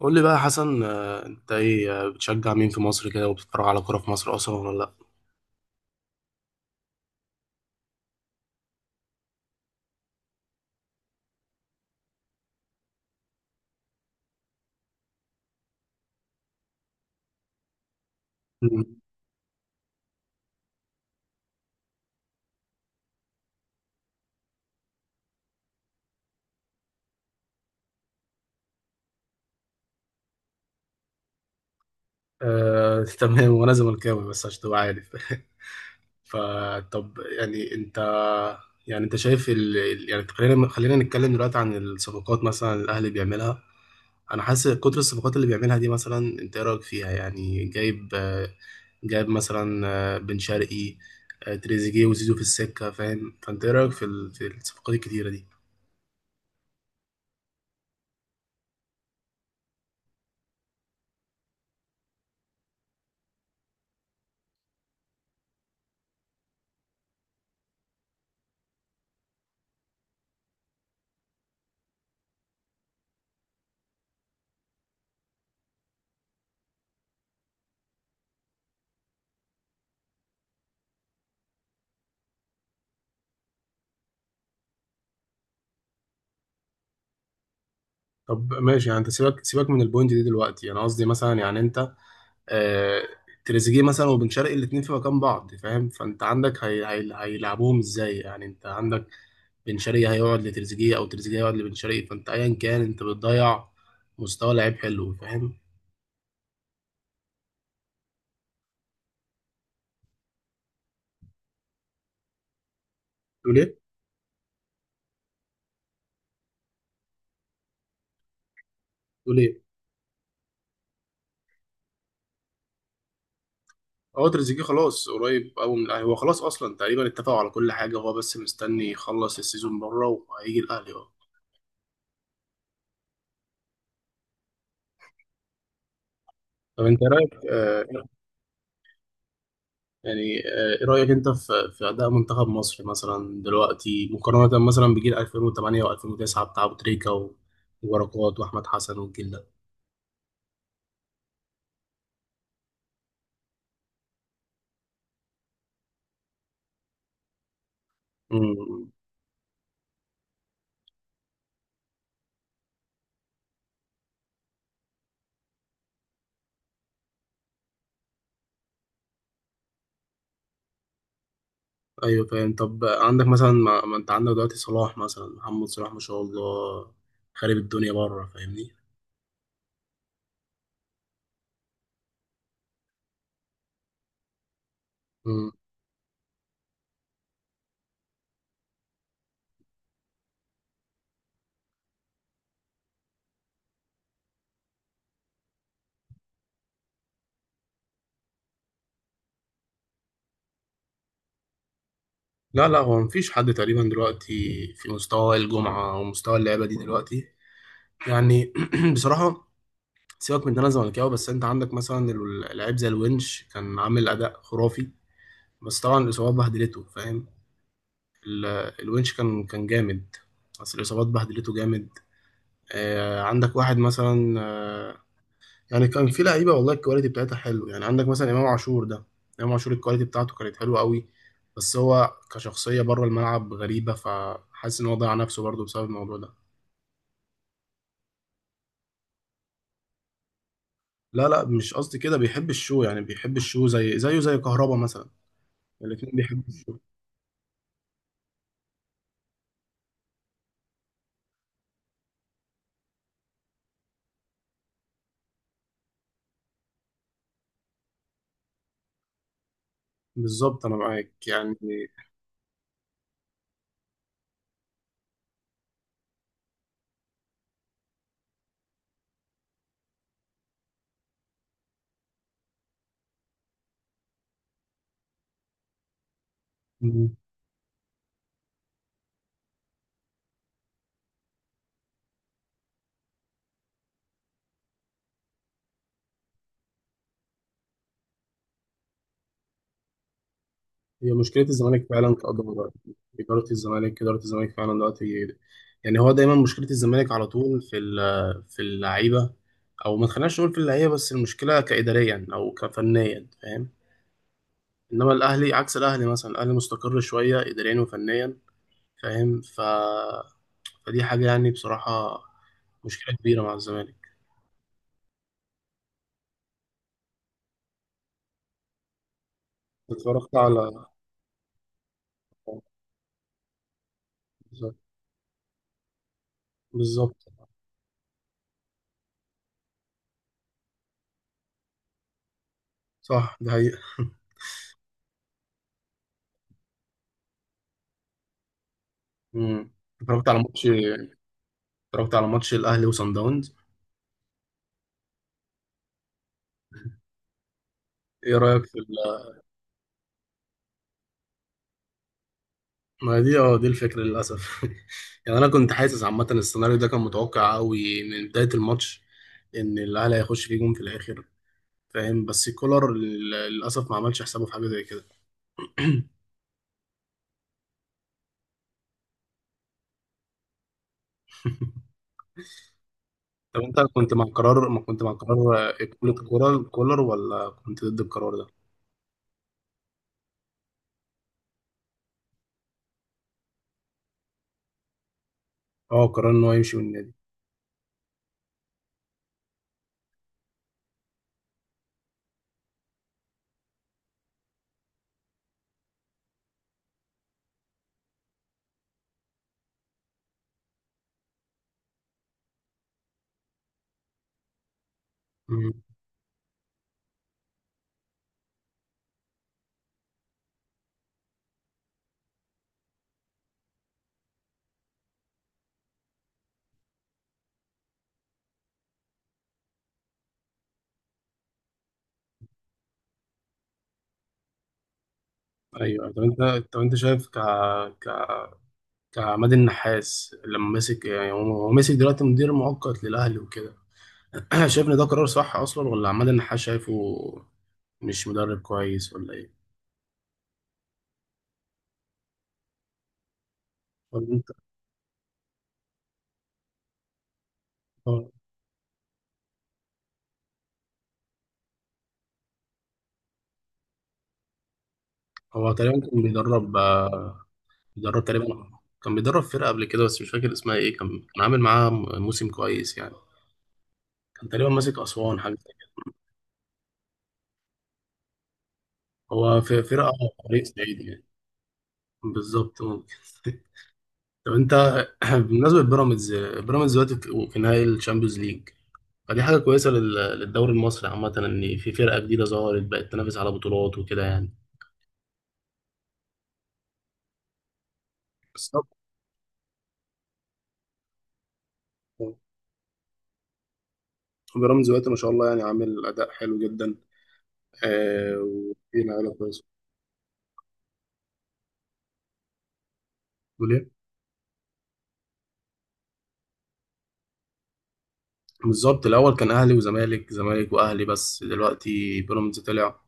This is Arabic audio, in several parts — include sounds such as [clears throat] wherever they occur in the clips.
قول لي بقى يا حسن، انت ايه؟ بتشجع مين في مصر كده وبتتفرج على كوره في مصر اصلا ولا لا؟ مم. آه، [laughs] تمام، وانا زملكاوي بس عشان تبقى عارف. [laughs] فطب يعني انت، يعني انت شايف يعني خلينا نتكلم دلوقتي عن الصفقات، مثلا الاهلي بيعملها. انا حاسس كتر الصفقات اللي بيعملها دي، مثلا انت ايه رايك فيها؟ يعني جايب مثلا بن شرقي، تريزيجيه وزيزو في السكه، فاهم؟ فانت ايه رايك في في الصفقات الكتيره دي؟ طب ماشي، يعني انت سيبك من البوينت دي دلوقتي. انا قصدي مثلا، يعني انت، آه تريزيجيه مثلا وبن شرقي الاثنين في مكان بعض، فاهم؟ فانت عندك هيلعبوهم ازاي؟ يعني انت عندك بن شرقي هيقعد لتريزيجيه او تريزيجيه هيقعد لبن شرقي، فانت ايا كان انت بتضيع مستوى لعيب حلو، فاهم؟ تقول ايه؟ تقول ايه؟ اه، تريزيجيه خلاص قريب قوي من الاهلي، هو خلاص اصلا تقريبا اتفقوا على كل حاجه، هو بس مستني يخلص السيزون بره وهيجي الاهلي، اه. طب انت رايك، يعني ايه رأيك انت في اداء منتخب مصر مثلا دلوقتي، مقارنة مثلا بجيل 2008 و2009 بتاع ابو تريكة وبركات واحمد حسن والجيل ده؟ امم. ايوه فاهم. طب عندك مثلا، ما انت عندك دلوقتي صلاح مثلا، محمد صلاح ما شاء الله خارب الدنيا بره، فاهمني؟ امم. لا لا، هو مفيش حد تقريبا دلوقتي في مستوى الجمعة ومستوى اللعبة دي دلوقتي يعني. [clears throat] بصراحة، سيبك من ان انا زملكاوي، بس انت عندك مثلا لعيب زي الونش كان عامل اداء خرافي. بس طبعا الإصابات بهدلته، فاهم؟ ال- الونش كان جامد، بس الإصابات بهدلته جامد. عندك واحد مثلا، يعني كان في لعيبة والله الكواليتي بتاعتها حلو. يعني عندك مثلا إمام عاشور ده، إمام عاشور الكواليتي بتاعته كانت حلوة قوي، بس هو كشخصية بره الملعب غريبة، فحاسس إن هو ضيع نفسه برضه بسبب الموضوع ده. لا لا، مش قصدي كده، بيحب الشو يعني، بيحب الشو زي كهربا مثلا. الاتنين بيحبوا الشو. بالظبط، أنا معاك يعني. هي مشكلة الزمالك فعلا كإدارة. إدارة الزمالك فعلا دلوقتي، يعني هو دايما مشكلة الزمالك على طول في اللعيبة. أو ما تخليناش نقول في اللعيبة بس، المشكلة كإداريا أو كفنيا، فاهم؟ إنما الأهلي، عكس الأهلي، مثلا الأهلي مستقر شوية إداريا وفنيا، فاهم؟ فدي حاجة يعني، بصراحة، مشكلة كبيرة مع الزمالك. اتفرجت على بالظبط. بالظبط. صح، ده حقيقة. [laughs] مم. اتفرجت على ماتش اتفرجت على ماتش الأهلي وصن داونز. ايه رايك ما دي، اه، دي الفكره للاسف. [laughs] يعني انا كنت حاسس عامه السيناريو ده كان متوقع قوي من بدايه الماتش، ان الاهلي هيخش فيه جون في الاخر، فاهم؟ بس كولر للاسف ما عملش حسابه في حاجه زي كده. [clears throat] طب انت كنت مع قرار ما كنت مع قرار اقاله كولر ولا كنت ضد القرار ده؟ اه، قرار ان هو يمشي من النادي. مم. ايوه. طب انت، شايف ك ك كعماد النحاس لما مسك، يعني هو مسك دلوقتي مدير مؤقت للاهلي وكده. [clears throat] شايف ان ده قرار صح اصلا، ولا عماد النحاس شايفه مش مدرب كويس ولا ايه؟ ولا انت. هو هو تقريبا كان بيدرب، بيدرب تقريبا، كان بيدرب فرقة قبل كده، بس مش فاكر اسمها ايه، كان عامل معاها موسم كويس يعني. كان تقريبا ماسك أسوان حاجة زي كده. هو في فرقة آه، فريق صعيدي يعني. بالظبط، ممكن. [laughs] طب انت، [clears throat] بالنسبة لبيراميدز، بيراميدز دلوقتي في نهائي الشامبيونز ليج. فدي حاجة كويسة للدوري المصري عامة، ان في فرقة جديدة ظهرت، بقت تنافس على بطولات وكده يعني. بيراميدز دلوقتي ما شاء الله، يعني عامل اداء حلو جدا، وفي لعيبه كويسه. بتقول ايه؟ بالظبط. الاول كان اهلي وزمالك، زمالك واهلي، بس دلوقتي بيراميدز طلع.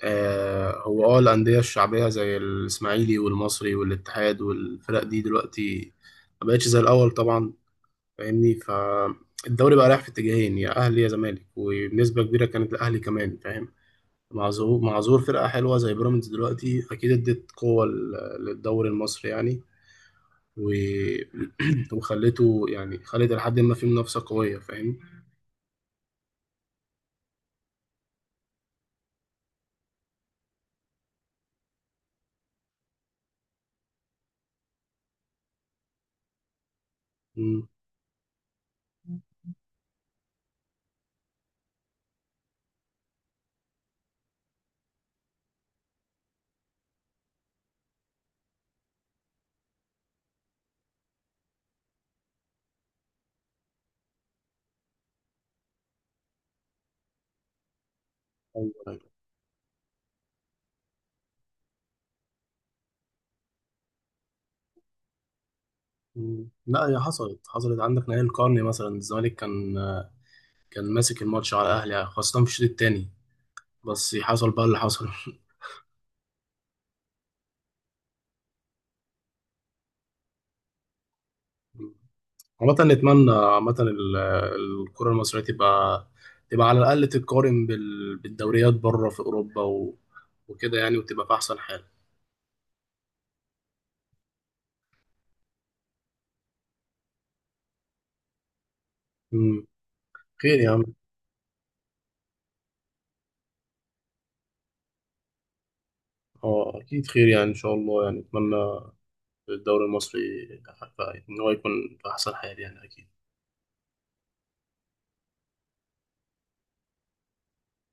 هو الانديه الشعبيه زي الاسماعيلي والمصري والاتحاد والفرق دي دلوقتي ما بقتش زي الاول طبعا، فاهمني؟ فالدوري بقى رايح في اتجاهين: يا اهلي يا زمالك، وبنسبه كبيره كانت الاهلي كمان، فاهم؟ مع ظهور فرقه حلوه زي بيراميدز دلوقتي، اكيد ادت قوه للدوري المصري يعني، و... [clears throat] وخليته يعني خلت لحد ما في منافسة قوية، فاهم؟ مم. أيوه، أيوه. مم. لا، هي حصلت، عندك نهائي القرن مثلا، الزمالك كان ماسك الماتش على الأهلي، خاصة في الشوط التاني، بس حصل بقى اللي حصل. [laughs] مم. عامة نتمنى عامة الكرة المصرية تبقى، تبقى على الأقل تتقارن بالدوريات بره في أوروبا وكده يعني، وتبقى في أحسن حال. مم. خير يا عم. اه أكيد خير، يعني إن شاء الله، يعني أتمنى الدوري المصري ف- ان هو يكون في احسن حال يعني اكيد.